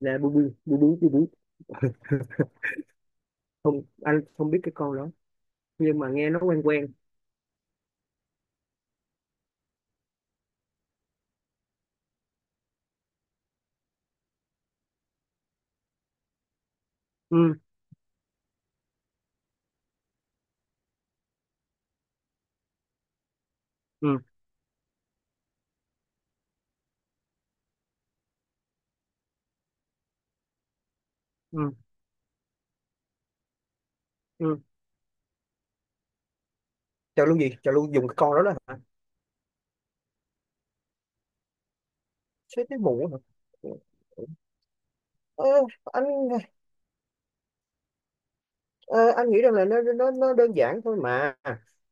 Là bu bu bu bú bu bú. Không, anh không biết cái con đó. Nhưng mà nghe nó quen quen. Ừ. Ừ. Ừ. Ừ. Chào luôn gì, chào luôn dùng cái con đó đó hả? Chết cái mụ hả? Ờ, anh, ờ, anh nghĩ rằng là nó đơn giản thôi mà.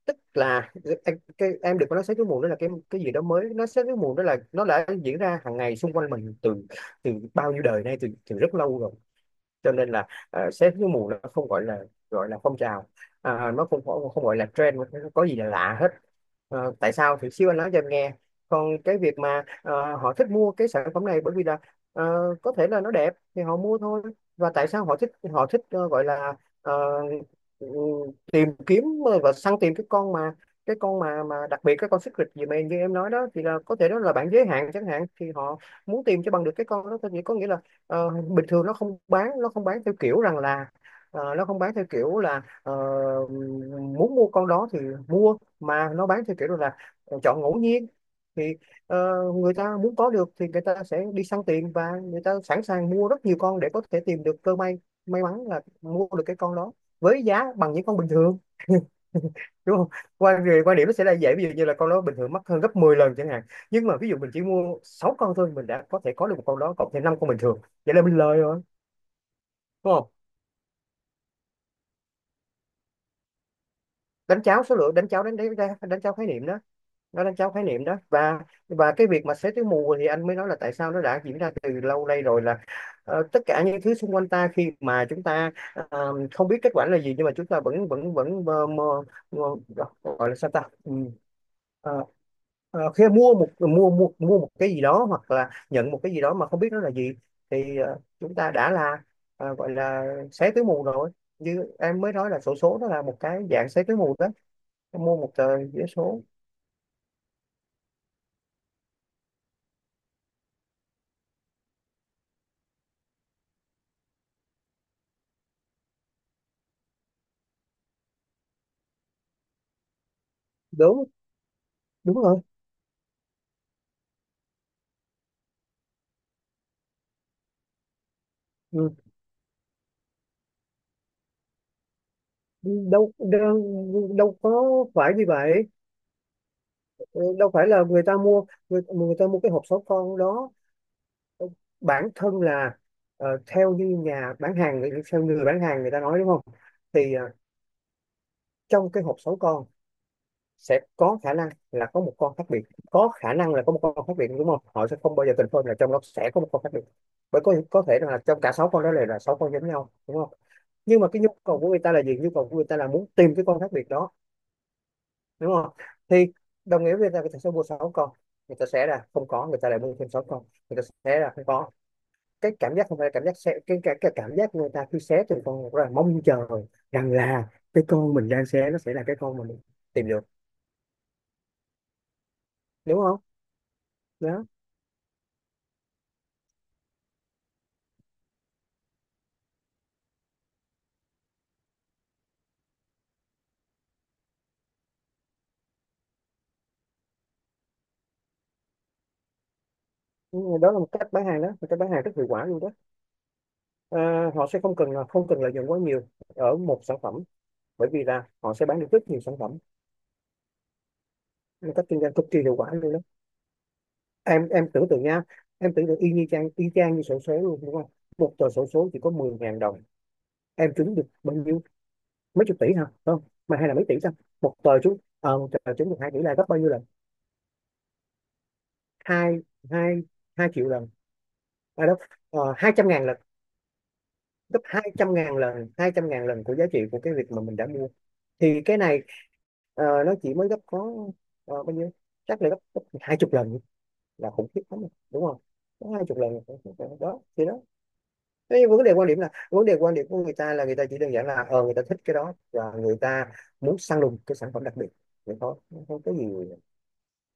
Tức là, em đừng có nói sấy túi mù đó là cái gì đó mới, nó sấy túi mù đó là nó đã diễn ra hàng ngày xung quanh mình từ từ bao nhiêu đời nay, từ từ rất lâu rồi. Cho nên là, xét cái mùa nó không gọi là, gọi là phong trào, nó không không không gọi là trend, nó có gì là lạ hết. Tại sao thì xíu anh nói cho em nghe. Còn cái việc mà họ thích mua cái sản phẩm này bởi vì là ờ, có thể là nó đẹp thì họ mua thôi. Và tại sao họ thích gọi là, ờ, ừ, tìm kiếm và săn tìm cái con mà, cái con mà đặc biệt, cái con secret gì mà như em nói đó thì là có thể đó là bạn giới hạn chẳng hạn, thì họ muốn tìm cho bằng được cái con đó thôi. Thì có nghĩa là, bình thường nó không bán theo kiểu rằng là, nó không bán theo kiểu là, muốn mua con đó thì mua, mà nó bán theo kiểu là chọn ngẫu nhiên. Thì ờ, người ta muốn có được thì người ta sẽ đi săn tiền, và người ta sẵn sàng mua rất nhiều con để có thể tìm được cơ may, may mắn là mua được cái con đó với giá bằng những con bình thường. Đúng không? Quan điểm nó sẽ là vậy, ví dụ như là con đó bình thường mắc hơn gấp 10 lần chẳng hạn. Nhưng mà ví dụ mình chỉ mua 6 con thôi, mình đã có thể có được một con đó cộng thêm 5 con bình thường. Vậy là mình lời rồi, đúng không? Đánh cháo số lượng, đánh cháo, đánh đánh đánh cháo khái niệm đó. Nó đánh tráo khái niệm đó. Và cái việc mà xế túi mù thì anh mới nói là tại sao nó đã diễn ra từ lâu nay rồi, là tất cả những thứ xung quanh ta, khi mà chúng ta không biết kết quả là gì, nhưng mà chúng ta vẫn vẫn vẫn mơ, gọi là sao ta. Ừ. Ờ, khi mua một cái gì đó hoặc là nhận một cái gì đó mà không biết nó là gì, thì chúng ta đã là, gọi là xé túi mù rồi. Như em mới nói, là xổ số nó là một cái dạng xé túi mù đó, mua một tờ vé số. Đúng Đúng rồi. Ừ, đâu, đâu có phải như vậy. Ừ, đâu phải là người ta mua cái hộp số con đó. Ừ, bản thân là, theo như nhà bán hàng, theo người bán hàng người ta nói, đúng không? Thì trong cái hộp số con sẽ có khả năng là có một con khác biệt, có khả năng là có một con khác biệt, đúng không? Họ sẽ không bao giờ confirm là trong đó sẽ có một con khác biệt. Bởi có thể là trong cả sáu con đó là sáu con giống nhau, đúng không? Nhưng mà cái nhu cầu của người ta là gì? Nhu cầu của người ta là muốn tìm cái con khác biệt đó, đúng không? Thì đồng nghĩa với việc là người ta sẽ mua sáu con, người ta sẽ là không có, người ta lại mua thêm sáu con. Người ta sẽ là không có cái cảm giác, không phải là cảm giác sẽ, cái cảm giác người ta khi xé từng con rất là mong chờ rằng là cái con mình đang xé nó sẽ là cái con mà mình tìm được, đúng không? Đó. Ừ, đó là một cách bán hàng đó, một cách bán hàng rất hiệu quả luôn đó. Họ sẽ không cần lợi nhuận quá nhiều ở một sản phẩm, bởi vì là họ sẽ bán được rất nhiều sản phẩm. Một cách kinh doanh cực kỳ hiệu quả luôn đó. Em tưởng tượng nha, em tưởng tượng y như chang y chang như xổ số luôn, đúng không? Một tờ xổ số chỉ có 10.000 đồng, em trúng được bao nhiêu? Mấy chục tỷ hả? Không, mà hay là mấy tỷ sao? Một tờ trúng được 2 tỷ là gấp bao nhiêu lần? Hai hai hai triệu lần. À đó. 200.000 lần. Gấp hai trăm ngàn lần của giá trị của cái việc mà mình đã mua. Thì cái này nó chỉ mới gấp có, bao nhiêu, chắc là gấp 20 lần, là khủng khiếp lắm rồi, đúng không? Có 20 lần. Đó thì nó, cái vấn đề quan điểm, là vấn đề quan điểm của người ta, là người ta chỉ đơn giản là người ta thích cái đó, và người ta muốn săn lùng cái sản phẩm đặc biệt, vậy thôi, không không có gì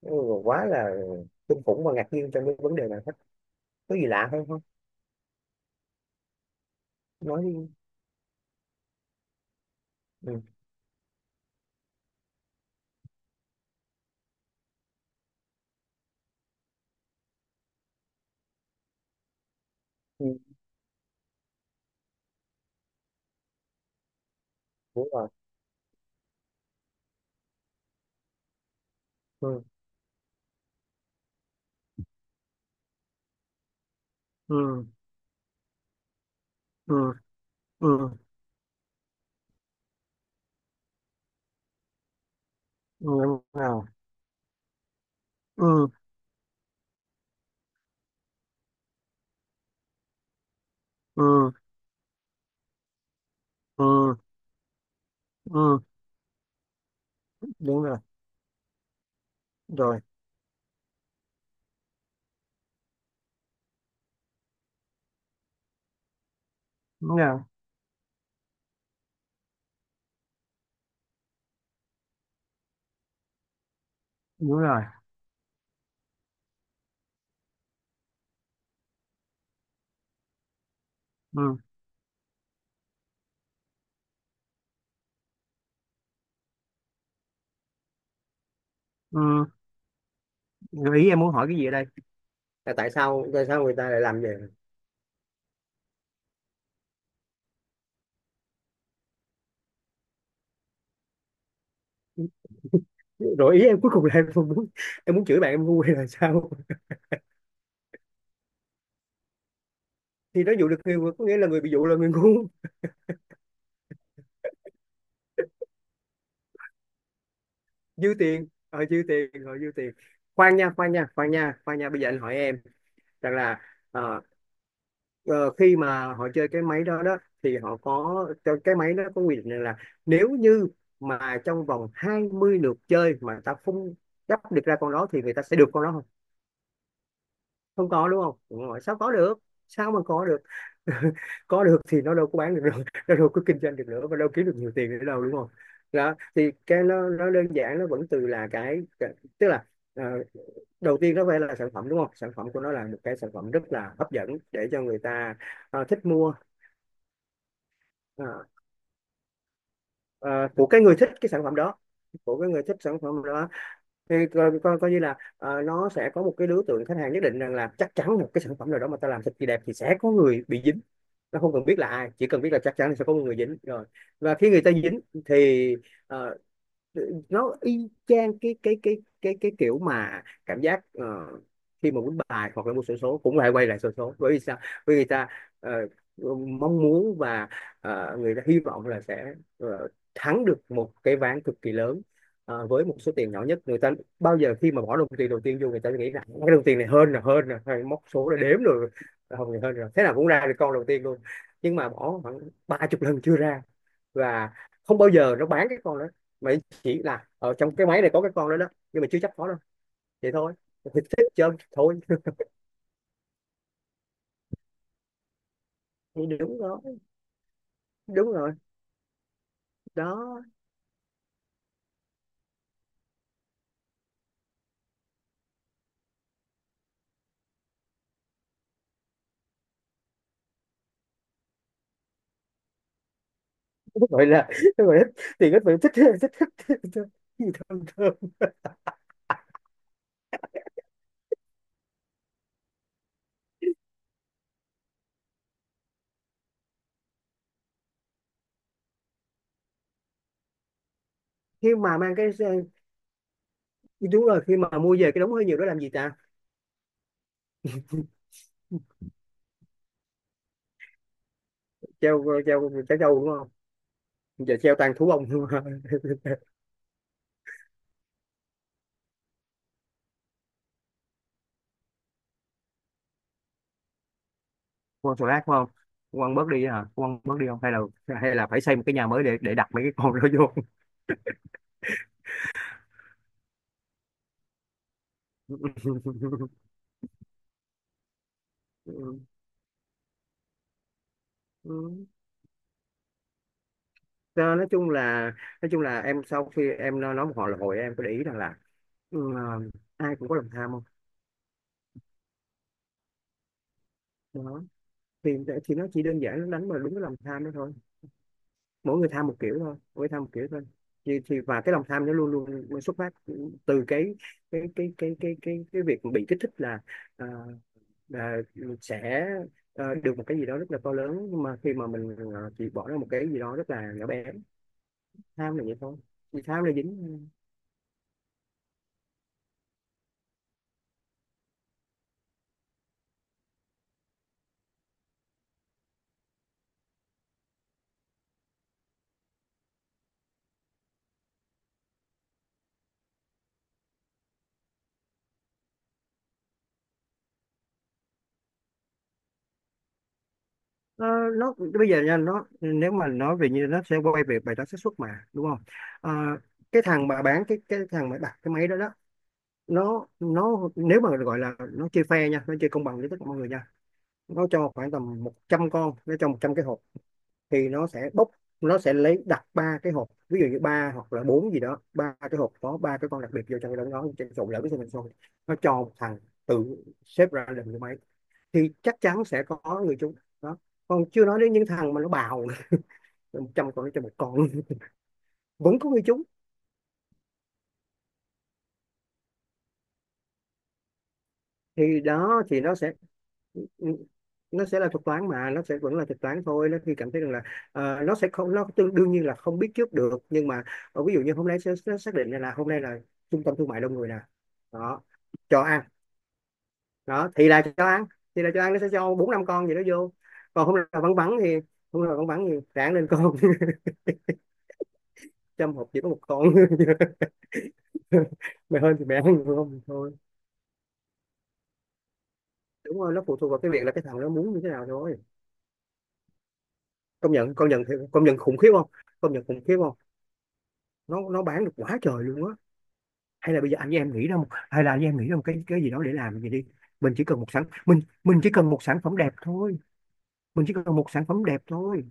ừ, quá là kinh khủng và ngạc nhiên trong cái vấn đề này hết. Có gì lạ hơn không? Nói đi. Ừ. Ừ. Đúng rồi. Ừ. Ừ. Ừ. Ừ. Ừ, đúng rồi. Ừ. Ừ. Ừ. Ừ. Đúng rồi. Rồi. Đúng rồi. Đúng rồi. Ừ. Ừ. Gợi ý em muốn hỏi cái gì ở đây? Là tại sao người ta lại làm vậy? Rồi ý em cuối cùng là em không muốn, em muốn chửi bạn em ngu hay là sao? Thì nó dụ được người ngu, có nghĩa là người bị dụ là người ngu. Dư tiền, dư tiền rồi, dư tiền. Khoan nha, khoan nha, khoan nha, khoan nha, bây giờ anh hỏi em rằng là, ờ, ờ, khi mà họ chơi cái máy đó đó thì họ có, cho cái máy nó có quy định rằng là, nếu như mà trong vòng 20 lượt chơi mà ta không gấp được ra con đó thì người ta sẽ được con đó? Không có, đúng không? Đúng rồi. Sao có được? Sao mà có được? Có được thì nó đâu có bán được rồi, nó đâu có kinh doanh được nữa, và đâu kiếm được nhiều tiền nữa đâu, đúng không? Đó thì cái nó đơn giản, nó vẫn từ là tức là, ờ, đầu tiên nó phải là sản phẩm, đúng không? Sản phẩm của nó là một cái sản phẩm rất là hấp dẫn để cho người ta thích mua. Ờ, ờ, của cái người thích cái sản phẩm đó, của cái người thích sản phẩm đó. Thì coi như là nó sẽ có một cái đối tượng khách hàng nhất định, rằng là chắc chắn một cái sản phẩm nào đó mà ta làm thật kỳ đẹp thì sẽ có người bị dính. Nó không cần biết là ai, chỉ cần biết là chắc chắn là sẽ có một người dính rồi. Và khi người ta dính thì ờ, nó y chang cái kiểu mà cảm giác, khi mà quýnh bài hoặc là mua xổ số, cũng lại quay lại xổ số, bởi vì sao? Bởi vì người ta ờ, mong muốn, và người ta hy vọng là sẽ thắng được một cái ván cực kỳ lớn với một số tiền nhỏ nhất. Người ta bao giờ khi mà bỏ đồng tiền đầu tiên vô, người ta nghĩ là cái đồng tiền này hơn là hay móc số là đếm rồi. Không thì hơn rồi, thế nào cũng ra được con đầu tiên luôn. Nhưng mà bỏ khoảng 30 lần chưa ra. Và không bao giờ nó bán cái con đó, mà chỉ là ở trong cái máy này có cái con đó đó, nhưng mà chưa chắc có đâu. Vậy thôi, thì thích chơi thôi. Thì đúng rồi. Đúng rồi. Đó gọi là, gọi là, thì các bạn thích, thích, thích, thích, thích. Gì thơm thơm. Khi mà mang cái, đúng rồi, khi mà mua về cái đống hơi nhiều đó làm gì ta? Treo ờ, treo treo trâu, đúng không? Giờ treo toàn thú ông không? À? Con thù ác, đúng không? Con bớt đi hả? Con bớt đi không, hay là phải xây một cái nhà mới để đặt mấy cái con đó vô. Đó, nói chung là em, sau khi em nói một hồi là hồi em có để ý rằng là ừ, à, ai cũng có lòng tham, không? Đó, thì thì nó chỉ đơn giản, nó đánh vào đúng cái lòng tham đó thôi. Mỗi người tham một kiểu thôi, mỗi người tham một kiểu thôi. Thì Và cái lòng tham nó luôn luôn xuất phát từ cái việc bị kích thích, là à, là sẽ, được một cái gì đó rất là to lớn, nhưng mà khi mà mình chỉ bỏ ra một cái gì đó rất là nhỏ bé. Tham là vậy thôi. Thì tham là dính. Nó bây giờ nha, nó nếu mà nói về như nó sẽ quay về bài toán xác suất mà, đúng không? Ờ, cái thằng mà đặt cái máy đó đó, nó nếu mà gọi là nó chơi fair nha, nó chơi công bằng với tất cả mọi người nha. Nó cho khoảng tầm 100 con, nó cho 100 cái hộp. Thì nó sẽ lấy đặt ba cái hộp, ví dụ như ba hoặc là bốn gì đó, ba cái hộp có ba cái con đặc biệt vô trong cái đó, nó trộn lẫn với mình xong, nó cho một thằng tự xếp ra làm cái máy thì chắc chắn sẽ có người chúng đó, còn chưa nói đến những thằng mà nó bào trăm con cho một con. Vẫn có người trúng. Thì đó, thì nó sẽ là thuật toán, mà nó sẽ vẫn là thuật toán thôi. Nó khi cảm thấy rằng là, ờ, nó sẽ không, nó đương nhiên là không biết trước được, nhưng mà ờ, ví dụ như hôm nay sẽ xác định là hôm nay là trung tâm thương mại đông người nè. Đó, cho ăn. Đó thì là cho ăn, nó sẽ cho bốn năm con gì đó vô. Còn hôm nay là vắng vắng thì, hôm nay là vắng vắng thì ráng lên con. Trăm hộp chỉ có một con. Mẹ hơn thì mẹ hơn, không thì thôi. Đúng rồi, nó phụ thuộc vào cái việc là cái thằng nó muốn như thế nào thôi. Công nhận khủng khiếp không? Công nhận khủng khiếp không? Nó bán được quá trời luôn á. Hay là bây giờ anh với em nghĩ ra một Hay là anh với em nghĩ ra một cái gì đó để làm gì đi. Mình chỉ cần một sản mình chỉ cần một sản phẩm đẹp thôi. Mình chỉ cần một sản phẩm đẹp thôi.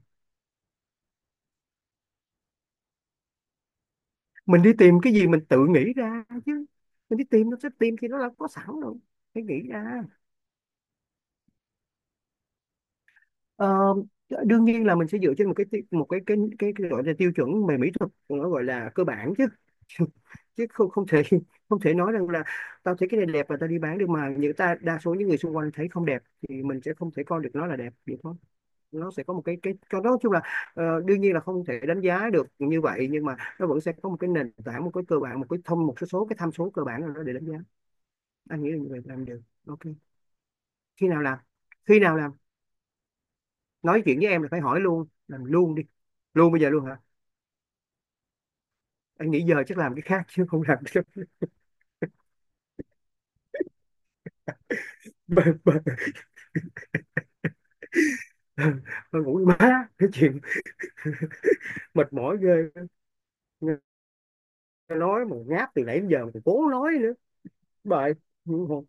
Mình đi tìm cái gì, mình tự nghĩ ra chứ. Mình đi tìm nó sẽ tìm thì nó là có sẵn rồi, phải nghĩ ra. Ờ, đương nhiên là mình sẽ dựa trên một cái gọi là tiêu chuẩn về mỹ thuật, nó gọi là cơ bản chứ. Chứ không không thể không thể nói rằng là tao thấy cái này đẹp và tao đi bán được, mà những ta đa số những người xung quanh thấy không đẹp, thì mình sẽ không thể coi được nó là đẹp được, không? Nó sẽ có một cái cho nó, nói chung là, ờ, đương nhiên là không thể đánh giá được như vậy, nhưng mà nó vẫn sẽ có một cái nền tảng, một cái cơ bản, một cái thông một số số cái tham số cơ bản nào đó để đánh giá. Anh nghĩ là như vậy làm được. Ok. Khi nào làm? Khi nào làm? Nói chuyện với em là phải hỏi luôn làm luôn đi. Luôn bây giờ luôn hả? Anh nghĩ giờ chắc làm cái khác chứ không làm cái. Bơ, bơ. Bơ, ngủ với má cái chuyện. Mệt mỏi ghê. Nói mà ngáp từ nãy đến giờ mà còn cố nói nữa. Bye.